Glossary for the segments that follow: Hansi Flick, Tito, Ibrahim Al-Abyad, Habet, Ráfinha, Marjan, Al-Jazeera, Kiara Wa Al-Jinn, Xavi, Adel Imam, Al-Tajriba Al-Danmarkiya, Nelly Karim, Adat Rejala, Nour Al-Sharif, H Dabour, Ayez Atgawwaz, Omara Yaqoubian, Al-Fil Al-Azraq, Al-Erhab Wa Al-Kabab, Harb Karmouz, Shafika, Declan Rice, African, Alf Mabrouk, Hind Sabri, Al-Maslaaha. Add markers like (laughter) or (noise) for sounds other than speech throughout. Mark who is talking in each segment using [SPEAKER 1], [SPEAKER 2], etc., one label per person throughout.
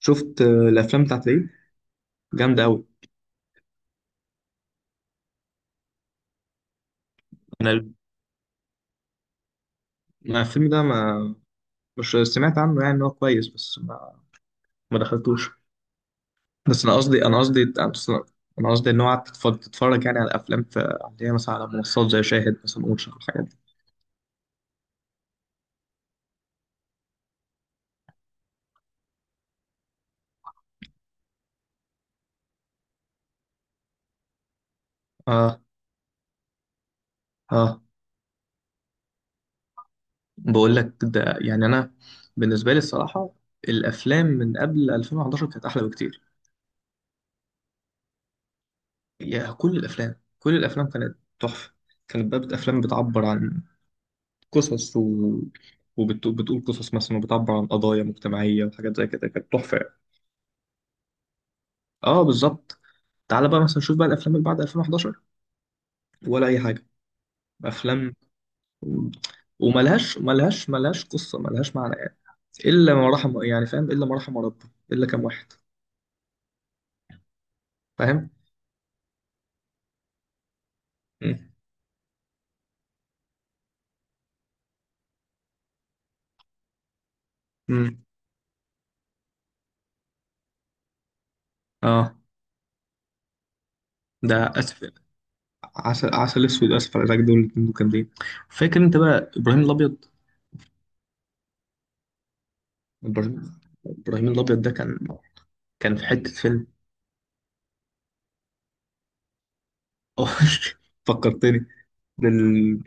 [SPEAKER 1] شفت الافلام بتاعت العيد جامده قوي. انا ال- أنا الفيلم ده ما، مش سمعت عنه يعني ان هو كويس، بس ما, ما دخلتوش. بس انا قصدي انا قصدي أصل- انا قصدي ان هو قعدت تتفرج يعني على الافلام في اللي هي مثلا على منصات زي شاهد مثلا واتش الحاجات دي. اه. اه، بقول لك ده، يعني انا بالنسبه لي الصراحه الافلام من قبل 2011 كانت احلى بكتير. يا كل الافلام، كل الافلام كانت تحفه، كانت بقى افلام بتعبر عن قصص وبتقول قصص مثلا وبتعبر عن قضايا مجتمعية وحاجات زي كده، كانت تحفة يعني. اه بالظبط. تعال بقى مثلا شوف بقى الافلام اللي بعد 2011، ولا اي حاجة. افلام وملهاش ملهاش ملهاش قصة، ملهاش معنى يعني. الا ما رحم يعني، فاهم، الا ما رحم ربي، الا كام واحد، فاهم. مم. مم. اه ده اسف، عسل اسود، اسف على الازعاج، دول الاتنين دول جامدين. فاكر انت بقى ابراهيم الابيض؟ ابراهيم، ابراهيم الابيض ده كان في حتة فيلم. آه، (laughs) فكرتني.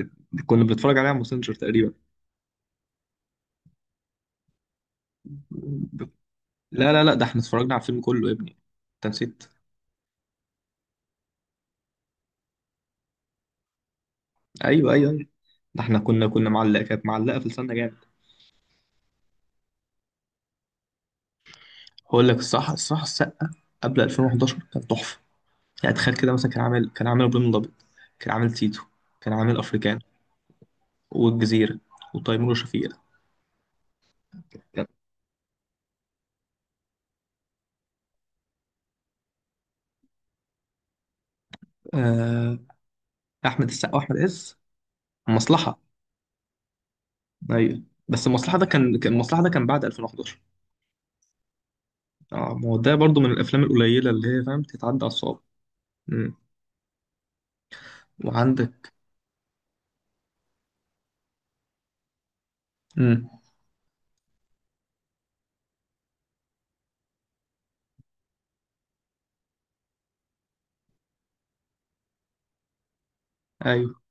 [SPEAKER 1] كنا بنتفرج عليه على ماسنجر تقريبا. لا، ده احنا اتفرجنا على الفيلم كله يا ابني، انت نسيت. ايوه ايوه ايوه، ده احنا كنا معلقه، كانت معلقه في لساننا جامد. هقول لك الصح السقه قبل 2011 كان تحفه. يعني تخيل كده مثلا، كان عامل كان عامل ابراهيم الابيض، كان عامل تيتو، كان عامل افريكان والجزيره وتيمور وشفيقة. كان- آه... احمد السقا واحمد عز، مصلحه. ايوه بس المصلحه ده كان المصلحه ده كان بعد 2011. اه، ما هو ده برضو من الافلام القليله اللي هي، فاهم، تتعدى على الصوابع. امم. وعندك. امم. ايوه،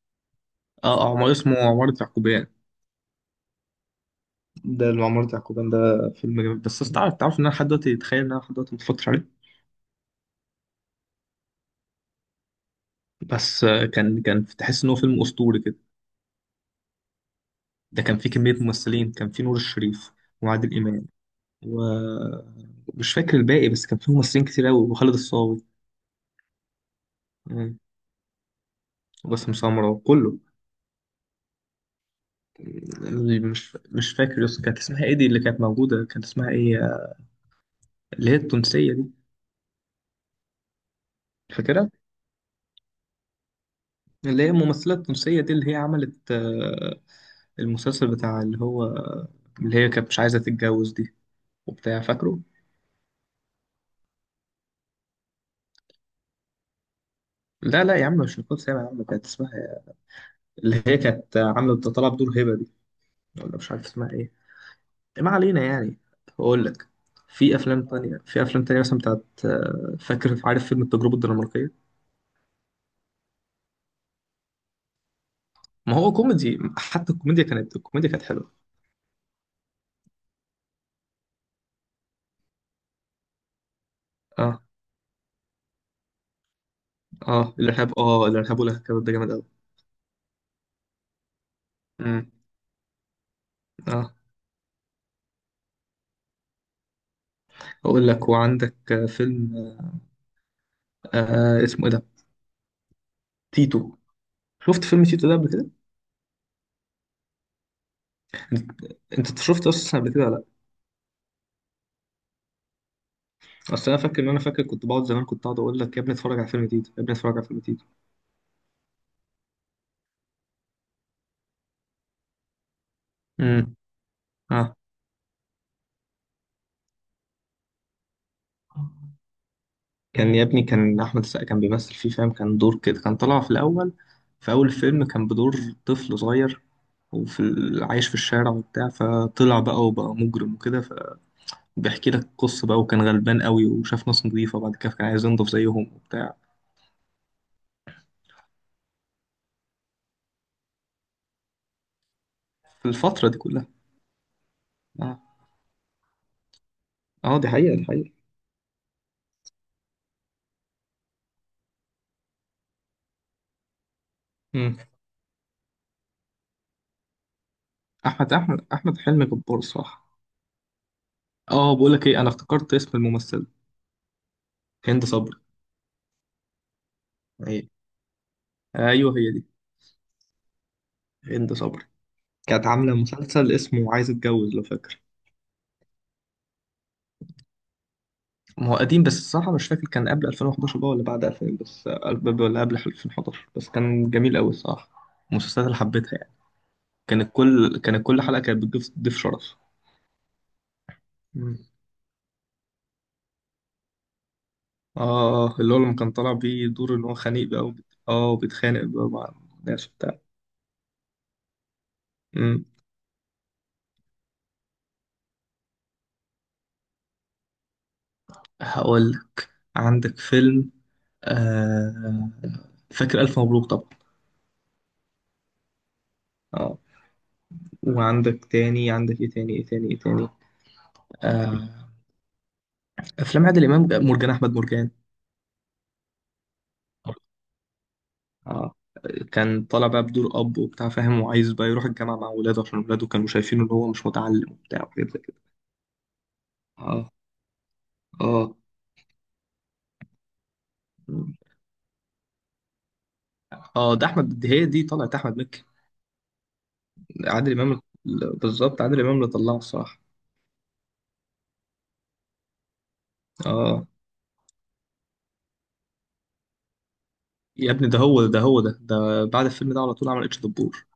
[SPEAKER 1] اه، عمر اسمه عمارة يعقوبيان. ده اللي عمارة يعقوبيان ده فيلم جميل، بس أصل تعرف ان انا لحد دلوقتي، اتخيل ان انا لحد دلوقتي ما اتفرجتش عليه. بس كان تحس ان هو فيلم اسطوري كده. ده كان فيه كميه ممثلين، كان فيه نور الشريف وعادل امام، ومش فاكر الباقي، بس كان فيه ممثلين كتير قوي، وخالد الصاوي. مم. وباسم سمرة وكله. مم. مش فاكر، يس كانت اسمها ايه دي اللي كانت موجوده، كانت اسمها ايه؟ اللي هي التونسية دي، فاكرها؟ اللي هي الممثلة التونسية دي اللي هي عملت، المسلسل بتاع اللي هو، اللي هي كانت مش عايزة تتجوز دي، وبتاع، فاكره؟ لا يا عم، مش نيكول سابع يا عم، كانت اسمها، اللي هي كانت عاملة طالعة بدور هبة دي، ولا مش عارف اسمها ايه، ما علينا يعني. هقول لك، في أفلام تانية، في أفلام تانية مثلا بتاعت، فاكر، عارف فيلم التجربة الدنماركية؟ ما هو كوميدي، حتى الكوميديا كانت، الكوميديا كانت حلوة. اه، اه الإرهاب، اه الإرهاب والكباب ده جامد أوي. مم. اه، اقول لك، وعندك فيلم، آه اسمه ايه ده، تيتو. شفت فيلم تيتو ده قبل كده؟ أنت شفت اصلا قبل كده ولا لا؟ اصل انا فاكر ان انا فاكر كنت بقعد زمان، كنت اقعد اقول لك يا ابني اتفرج على فيلم تيتو، يا ابني اتفرج على فيلم تيتو. امم. اه. كان يا ابني كان احمد السقا كان بيمثل فيه، فاهم، كان دور كده، كان طالع في الاول، في اول الفيلم كان بدور طفل صغير، عايش في الشارع وبتاع، فطلع بقى وبقى مجرم وكده، فبيحكي لك قصة بقى، وكان غلبان قوي وشاف ناس نظيفة، وبعد كده كان عايز ينضف زيهم وبتاع، في الفترة دي كلها. اه. اه، دي حقيقة، دي حقيقة. مم. احمد احمد حلمي جبار، صح. اه، بقول لك ايه، انا افتكرت اسم الممثلة، هند صبري. ايه، ايوه هي دي، هند صبري. كانت عاملة مسلسل اسمه عايز اتجوز، لو فاكر. ما هو قديم، بس الصراحة مش فاكر كان قبل 2011 بقى ولا بعد 2000، بس ولا قبل 2011، بس كان جميل قوي الصراحة، المسلسلات اللي حبيتها يعني. كانت كل حلقة كانت بتضيف ضيف شرف. مم. اه، اللي هو لما كان طالع بيه دور ان هو خنيق بقى اه وبيتخانق بقى مع الناس وبتاع. مم. هقولك، عندك فيلم، آه، فاكر ألف مبروك طبعا. اه، وعندك تاني، عندك ايه تاني ايه تاني، آه، أفلام عادل إمام، مرجان أحمد مرجان. اه، كان طالع بقى بدور أب وبتاع، فاهم، وعايز بقى يروح الجامعة مع ولاده عشان ولاده كانوا شايفينه إن هو مش متعلم وبتاع وحاجات زي كده. اه. اه. اه ده أحمد، دي هي دي طلعت أحمد مكي. بالظبط، عادل إمام اللي طلعه الصراحة. اه، يا ابني ده هو، ده بعد الفيلم ده على طول عمل اتش دبور.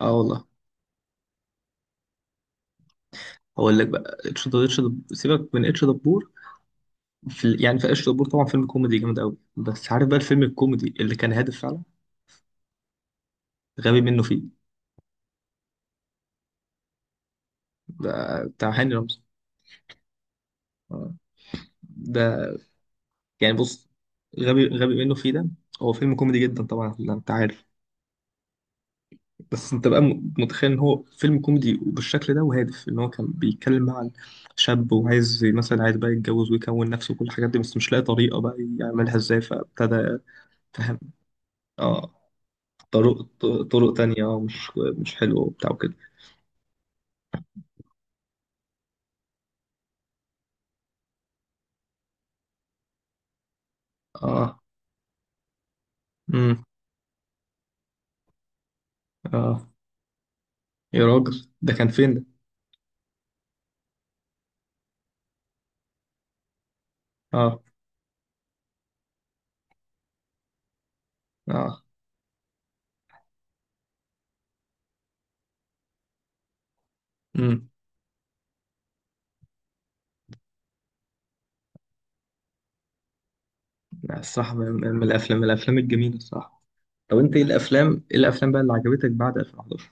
[SPEAKER 1] اه والله. هقول لك بقى، اتش دبور، سيبك من اتش دبور، يعني في اتش دبور طبعا فيلم كوميدي جامد قوي، بس عارف بقى الفيلم الكوميدي اللي كان هادف فعلا، غبي منه فيه، ده بتاع هاني رمزي. آه. ده، يعني بص، غبي منه فيه ده، هو فيلم كوميدي جدا طبعا، لا، انت عارف، بس انت بقى متخيل ان هو فيلم كوميدي وبالشكل ده وهادف، ان هو كان بيتكلم عن شاب، وعايز مثلا، عايز بقى يتجوز ويكون نفسه وكل الحاجات دي، بس مش لاقي طريقة بقى يعملها ازاي، فابتدى، فاهم، اه، طرق، طرق تانية، مش مش حلوة وبتاع وكده. اه. امم. اه، يا راجل ده كان فين ده. اه. اه. امم. لا، الصراحة من، من الافلام الجميلة الصراحة. طب انت ايه الافلام، ايه الافلام بقى اللي عجبتك بعد 2011؟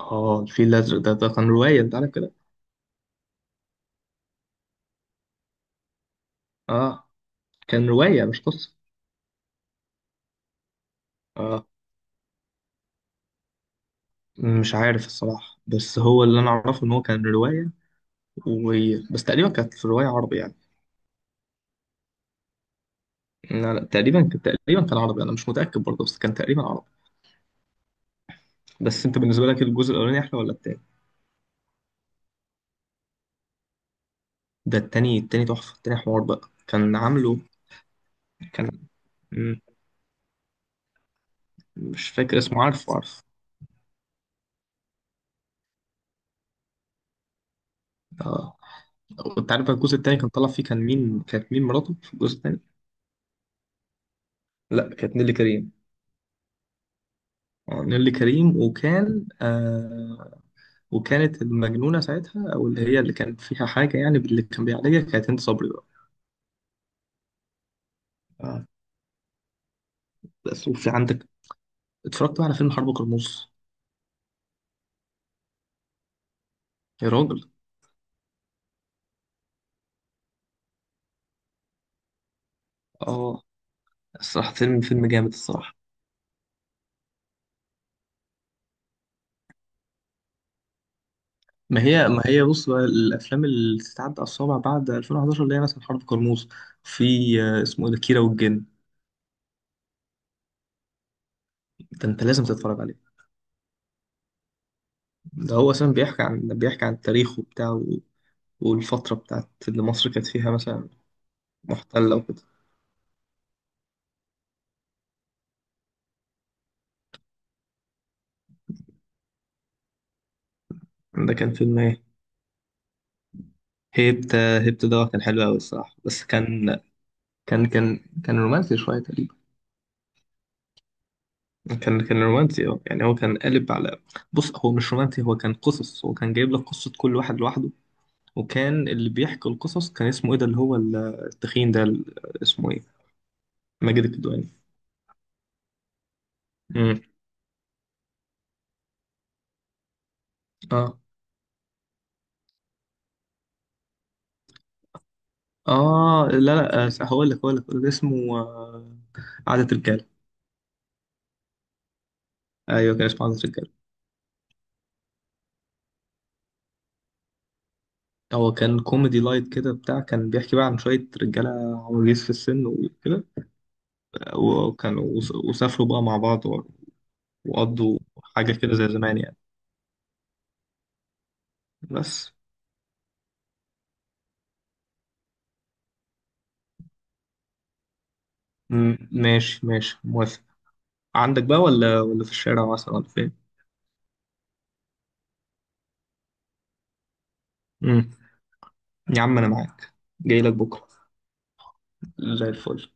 [SPEAKER 1] اه الفيل الازرق ده، ده كان رواية انت عارف كده. اه، كان رواية مش قصة. اه، مش عارف الصراحة، بس هو اللي أنا أعرفه إن هو كان رواية، و... بس تقريبا كانت في الرواية عربي يعني. لا، تقريبا كان، تقريبا كان عربي، أنا مش متأكد برضه، بس كان تقريبا عربي. بس أنت بالنسبة لك الجزء الأولاني أحلى ولا التاني؟ ده التاني، التاني تحفة، التاني حوار بقى، كان عامله كان. مم، مش فاكر اسمه، عارفه، عارف. اه، وأنت عارف بقى الجزء التاني كان طلع فيه، كان مين، كانت مين مراته في الجزء التاني؟ لا كانت نيلي كريم. اه نيلي كريم، وكان آه، وكانت المجنونة ساعتها، أو اللي هي اللي كان فيها حاجة يعني، باللي كان بيعالجها، كانت هند صبري بقى. آه، بس وفي عندك، اتفرجت بقى على فيلم حرب كرموز؟ يا راجل. اه، الصراحة فيلم، جامد الصراحة. ما هي، ما هي بص بقى الافلام اللي تتعدى على الصوابع بعد 2011، اللي هي مثلا حرب كرموز، في اسمه ايه ده، كيرة والجن. ده انت لازم تتفرج عليه. ده هو اصلا بيحكي عن، بيحكي عن التاريخ وبتاع، والفتره بتاعت اللي مصر كانت فيها مثلا محتله وكده. ده كان فيلم إيه؟ هيبت. هيبت ده كان حلو قوي الصراحه، بس كان، كان كان رومانسي شويه تقريبا. كان رومانسي اه، يعني هو كان قالب على، بص هو مش رومانسي، هو كان قصص، هو كان جايب لك قصه كل واحد لوحده. وكان اللي بيحكي القصص كان اسمه ايه ده، اللي هو التخين ده، اسمه ايه، ماجد الكدواني. امم. اه. اه لا لا، هقول لك اللي اسمه، عادة رجاله. ايوه كان اسمه عادة رجاله. هو كان كوميدي لايت كده بتاع، كان بيحكي بقى عن شويه رجاله عواجيز في السن وكده. وسافروا بقى مع بعض وقضوا حاجة كده زي زمان يعني. بس ماشي، ماشي، موافق. عندك بقى، ولا في الشارع مثلا، ولا فين؟ مم. يا عم أنا معاك، جاي لك بكرة، زي الفل.